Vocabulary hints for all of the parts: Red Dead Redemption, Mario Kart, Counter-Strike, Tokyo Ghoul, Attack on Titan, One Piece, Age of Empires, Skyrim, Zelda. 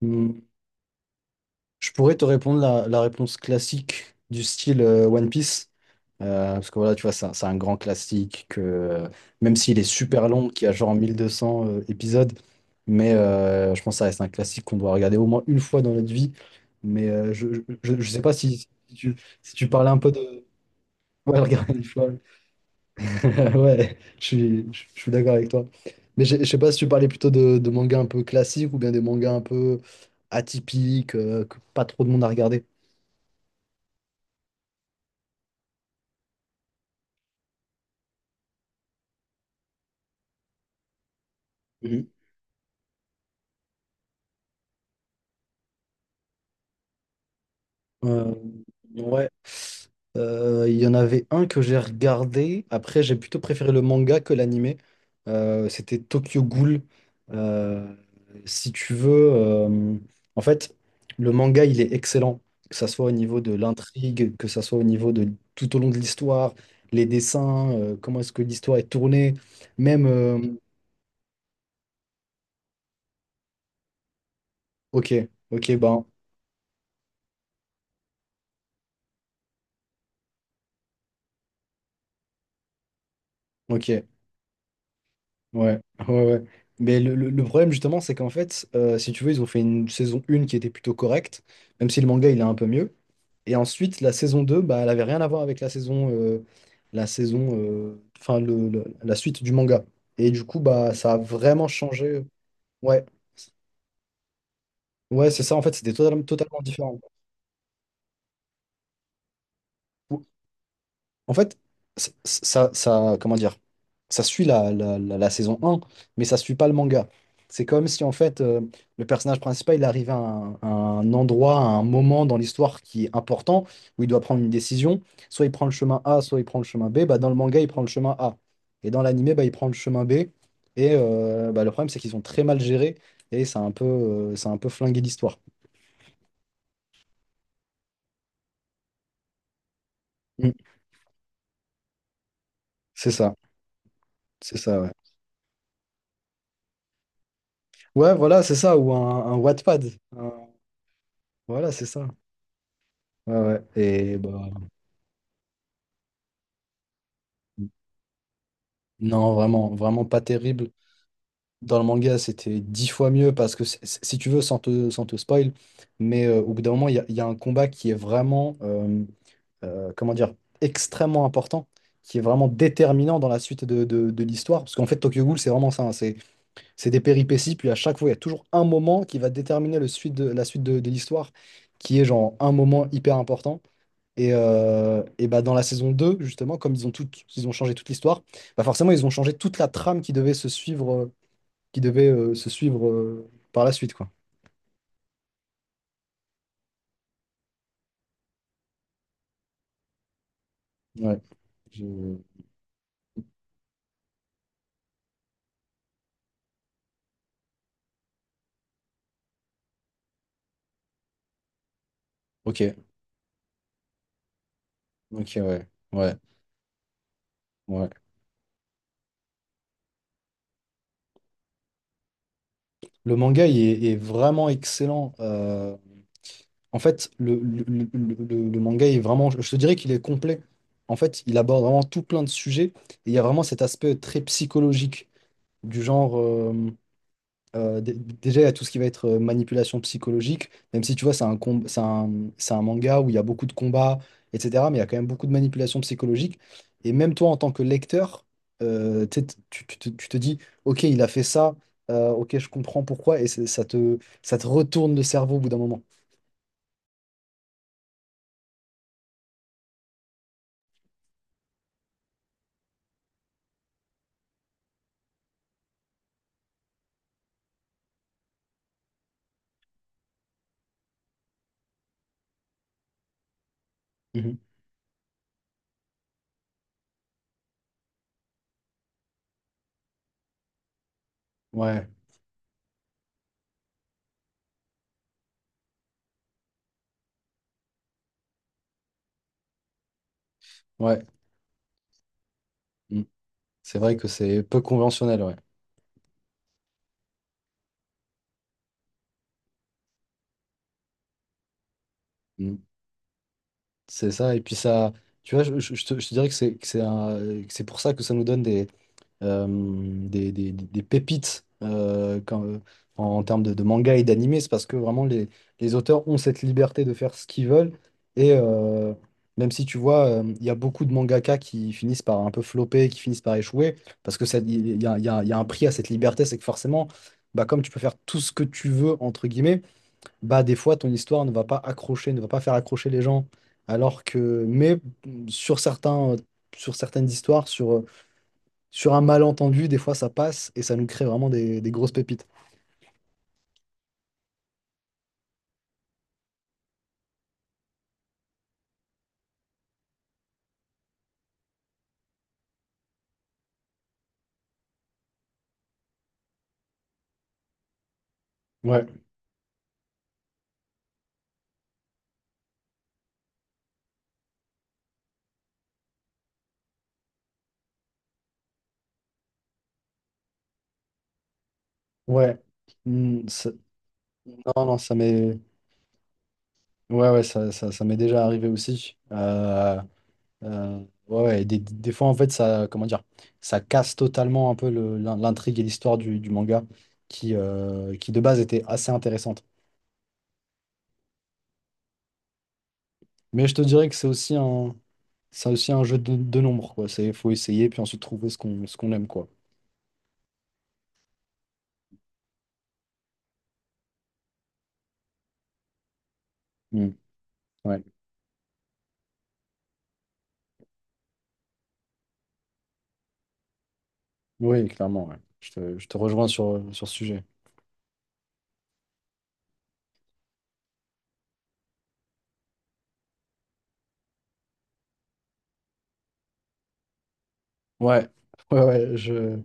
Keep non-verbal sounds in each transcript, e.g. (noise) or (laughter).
Hmm, je pourrais te répondre la réponse classique du style One Piece. Parce que voilà, tu vois, c'est un grand classique que, même s'il est super long, qui a genre 1200 épisodes, mais je pense que ça reste un classique qu'on doit regarder au moins une fois dans notre vie. Mais euh, je sais pas si si tu parlais un peu de... (laughs) Ouais, regarder une fois. (laughs) Ouais, je suis d'accord avec toi. Mais je sais pas si tu parlais plutôt de mangas un peu classiques ou bien des mangas un peu atypiques, que pas trop de monde a regardé. Mhm. Euh, ouais, Euh, il y en avait un que j'ai regardé. Après, j'ai plutôt préféré le manga que l'animé. C'était Tokyo Ghoul. Euh, si tu veux, en fait, le manga, il est excellent. Que ça soit au niveau de l'intrigue, que ça soit au niveau de tout au long de l'histoire, les dessins, comment est-ce que l'histoire est tournée. Même, euh, ok, ok, ben, ok. Ouais, ouais, ouais. Mais le problème, justement, c'est qu'en fait, si tu veux, ils ont fait une saison 1 qui était plutôt correcte, même si le manga, il est un peu mieux. Et ensuite, la saison 2 bah, elle avait rien à voir avec la saison, enfin, le- la suite du manga. Et du coup, bah, ça a vraiment changé. Ouais, ouais, c'est ça, en fait, c'était totalement, totalement différent. En fait, ça, ça, ça- comment dire, ça suit la saison 1, mais ça suit pas le manga. C'est comme si, en fait, le personnage principal, il arrive à un endroit, à un moment dans l'histoire qui est important, où il doit prendre une décision. Soit il prend le chemin A, soit il prend le chemin B. Bah, dans le manga, il prend le chemin A. Et dans l'animé, bah, il prend le chemin B. Et bah, le problème, c'est qu'ils ont très mal géré et ça a un peu, ça a un peu flingué l'histoire. Mm. C'est ça, c'est ça, ouais. Ouais, voilà, c'est ça, ou un Wattpad. Un- Voilà, c'est ça. Ouais, ouais. Et bah, non, vraiment, vraiment pas terrible. Dans le manga, c'était 10 fois mieux parce que, si tu veux, sans te spoil, mais au bout d'un moment, il y a un combat qui est vraiment, euh, comment dire, extrêmement important, qui est vraiment déterminant dans la suite de l'histoire. Parce qu'en fait, Tokyo Ghoul, c'est vraiment ça, hein, c'est des péripéties, puis à chaque fois, il y a toujours un moment qui va déterminer la suite de l'histoire, qui est genre un moment hyper important. Et bah dans la saison 2 justement, comme ils ont changé toute l'histoire, bah forcément, ils ont changé toute la trame qui devait se suivre, qui devait se suivre par la suite, quoi. Ouais. Je- Ok, ok, ouais, ouais, ouais. Le manga, est vraiment excellent. En fait, le manga est vraiment, je te dirais qu'il est complet. En fait, il aborde vraiment tout plein de sujets. Et il y a vraiment cet aspect très psychologique du genre. Déjà, il y a tout ce qui va être manipulation psychologique, même si tu vois, c'est un, com- c'est un manga où il y a beaucoup de combats, etc. Mais il y a quand même beaucoup de manipulation psychologique. Et même toi, en tant que lecteur, tu, sais, t- tu- tu te dis, OK, il a fait ça, OK, je comprends pourquoi, et ça te retourne le cerveau au bout d'un moment. Mhm. Ouais, ouais. Mm. C'est vrai que c'est peu conventionnel, ouais. Mm. C'est ça, et puis ça, tu vois, je te dirais que c'est que c'est pour ça que ça nous donne des euh, des pépites quand- en, en termes de manga et d'animé, c'est parce que vraiment les auteurs ont cette liberté de faire ce qu'ils veulent. Et même si tu vois, il y a beaucoup de mangaka qui finissent par un peu flopper, qui finissent par échouer, parce que il y a un prix à cette liberté, c'est que forcément, bah, comme tu peux faire tout ce que tu veux, entre guillemets, bah, des fois ton histoire ne va pas accrocher, ne va pas faire accrocher les gens. Alors que, mais sur certains, sur certaines histoires, sur un malentendu, des fois ça passe et ça nous crée vraiment des grosses pépites. Ouais, ouais. Hmm, ça- non, non, ça m'est. Ouais, ouais, ça m'est déjà arrivé aussi. Euh, ouais, ouais, des fois, en fait, ça casse totalement un peu l'intrigue et l'histoire du manga qui, de base, était assez intéressante. Mais je te dirais que c'est aussi un jeu de nombre, quoi. C'est, faut essayer, puis ensuite trouver ce qu'on aime, quoi. Hmm, ouais. Oui, clairement, ouais. Je te rejoins sur ce sujet. Ouais, ouais, ouais, je...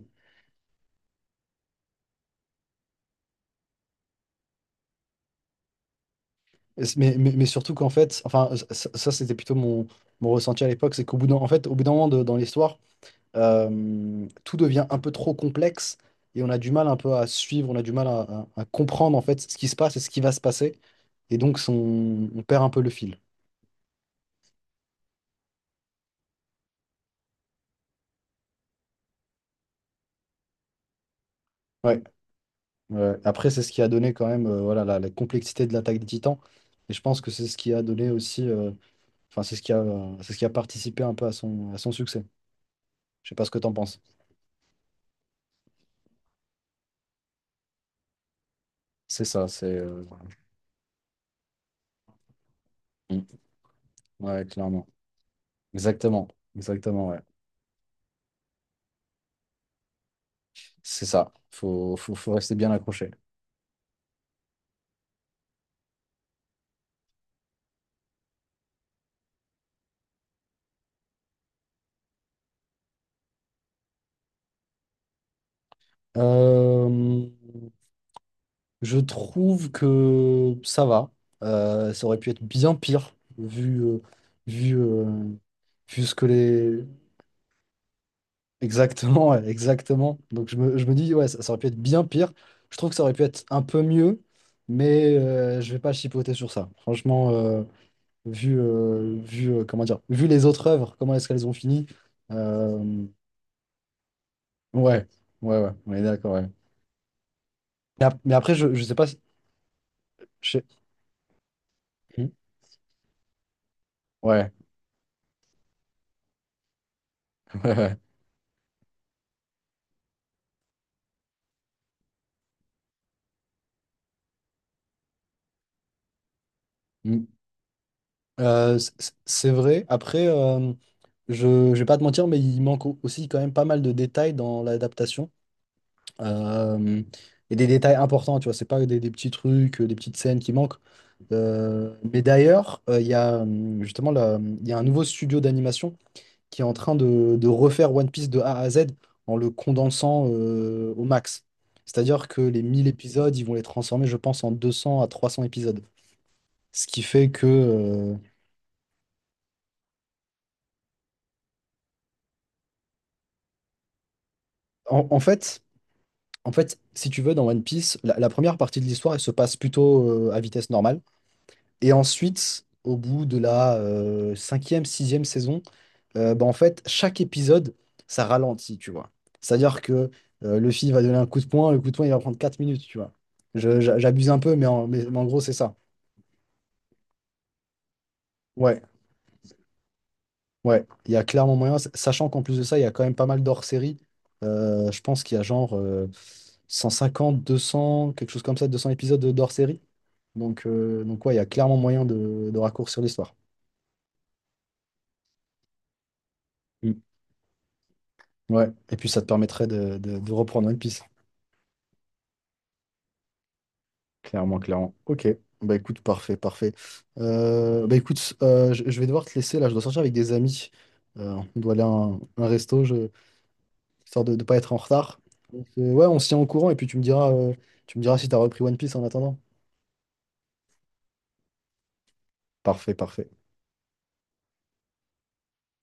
Mais surtout qu'en fait, enfin, c'était plutôt mon ressenti à l'époque, c'est qu'au bout d'un, en fait, au bout d'un moment dans l'histoire, tout devient un peu trop complexe et on a du mal un peu à suivre, on a du mal à comprendre en fait ce qui se passe et ce qui va se passer. Et donc, on perd un peu le fil. Ouais, ouais. Après, c'est ce qui a donné quand même voilà, la complexité de l'attaque des Titans. Et je pense que c'est ce qui a donné aussi, enfin, c'est ce qui a participé un peu à à son succès. Je sais pas ce que t'en penses. C'est ça, c'est... mm, Ouais, clairement. Exactement, exactement, ouais. C'est ça, faut rester bien accroché. Euh, je trouve que ça va. Ça aurait pu être bien pire, vu, euh, vu ce que les... (laughs) Exactement, ouais, exactement. Donc je me dis, ouais, ça aurait pu être bien pire. Je trouve que ça aurait pu être un peu mieux, mais je vais pas chipoter sur ça. Franchement, vu les autres œuvres, comment est-ce qu'elles ont fini. Euh, ouais, ouais, ouais, on est d'accord, ouais. Mais, ap- mais après, je sais pas si... je sais- Hmm. Ouais, (laughs) ouais, ouais. Hmm. C'est vrai. Après, je vais pas te mentir, mais il manque aussi quand même pas mal de détails dans l'adaptation. Euh, et des détails importants, tu vois. C'est pas des petits trucs, des petites scènes qui manquent. Mais d'ailleurs, il y a justement là, il y a un nouveau studio d'animation qui est en train de refaire One Piece de A à Z en le condensant au max. C'est-à-dire que les 1000 épisodes, ils vont les transformer, je pense, en 200 à 300 épisodes. Ce qui fait que... en, en fait, en fait, si tu veux, dans One Piece, la première partie de l'histoire, elle se passe plutôt à vitesse normale. Et ensuite, au bout de la cinquième, sixième saison, bah, en fait, chaque épisode, ça ralentit, tu vois. C'est-à-dire que le film va donner un coup de poing, le coup de poing, il va prendre 4 minutes, tu vois. J'abuse un peu, mais mais en gros, c'est ça. Ouais, ouais, il y a clairement moyen, sachant qu'en plus de ça, il y a quand même pas mal dhors série. Je pense qu'il y a genre 150, 200, quelque chose comme ça, 200 épisodes d'hors-série. Donc ouais, il y a clairement moyen de raccourcir l'histoire. Ouais, et puis ça te permettrait de reprendre One Piece. Clairement, clairement. Ok, bah écoute, parfait, parfait. Je vais devoir te laisser là, je dois sortir avec des amis. On doit aller à un resto, je, histoire de ne pas être en retard. Donc, ouais, on se tient au courant et puis tu me diras, tu me diras si t'as repris One Piece en attendant. Parfait, parfait.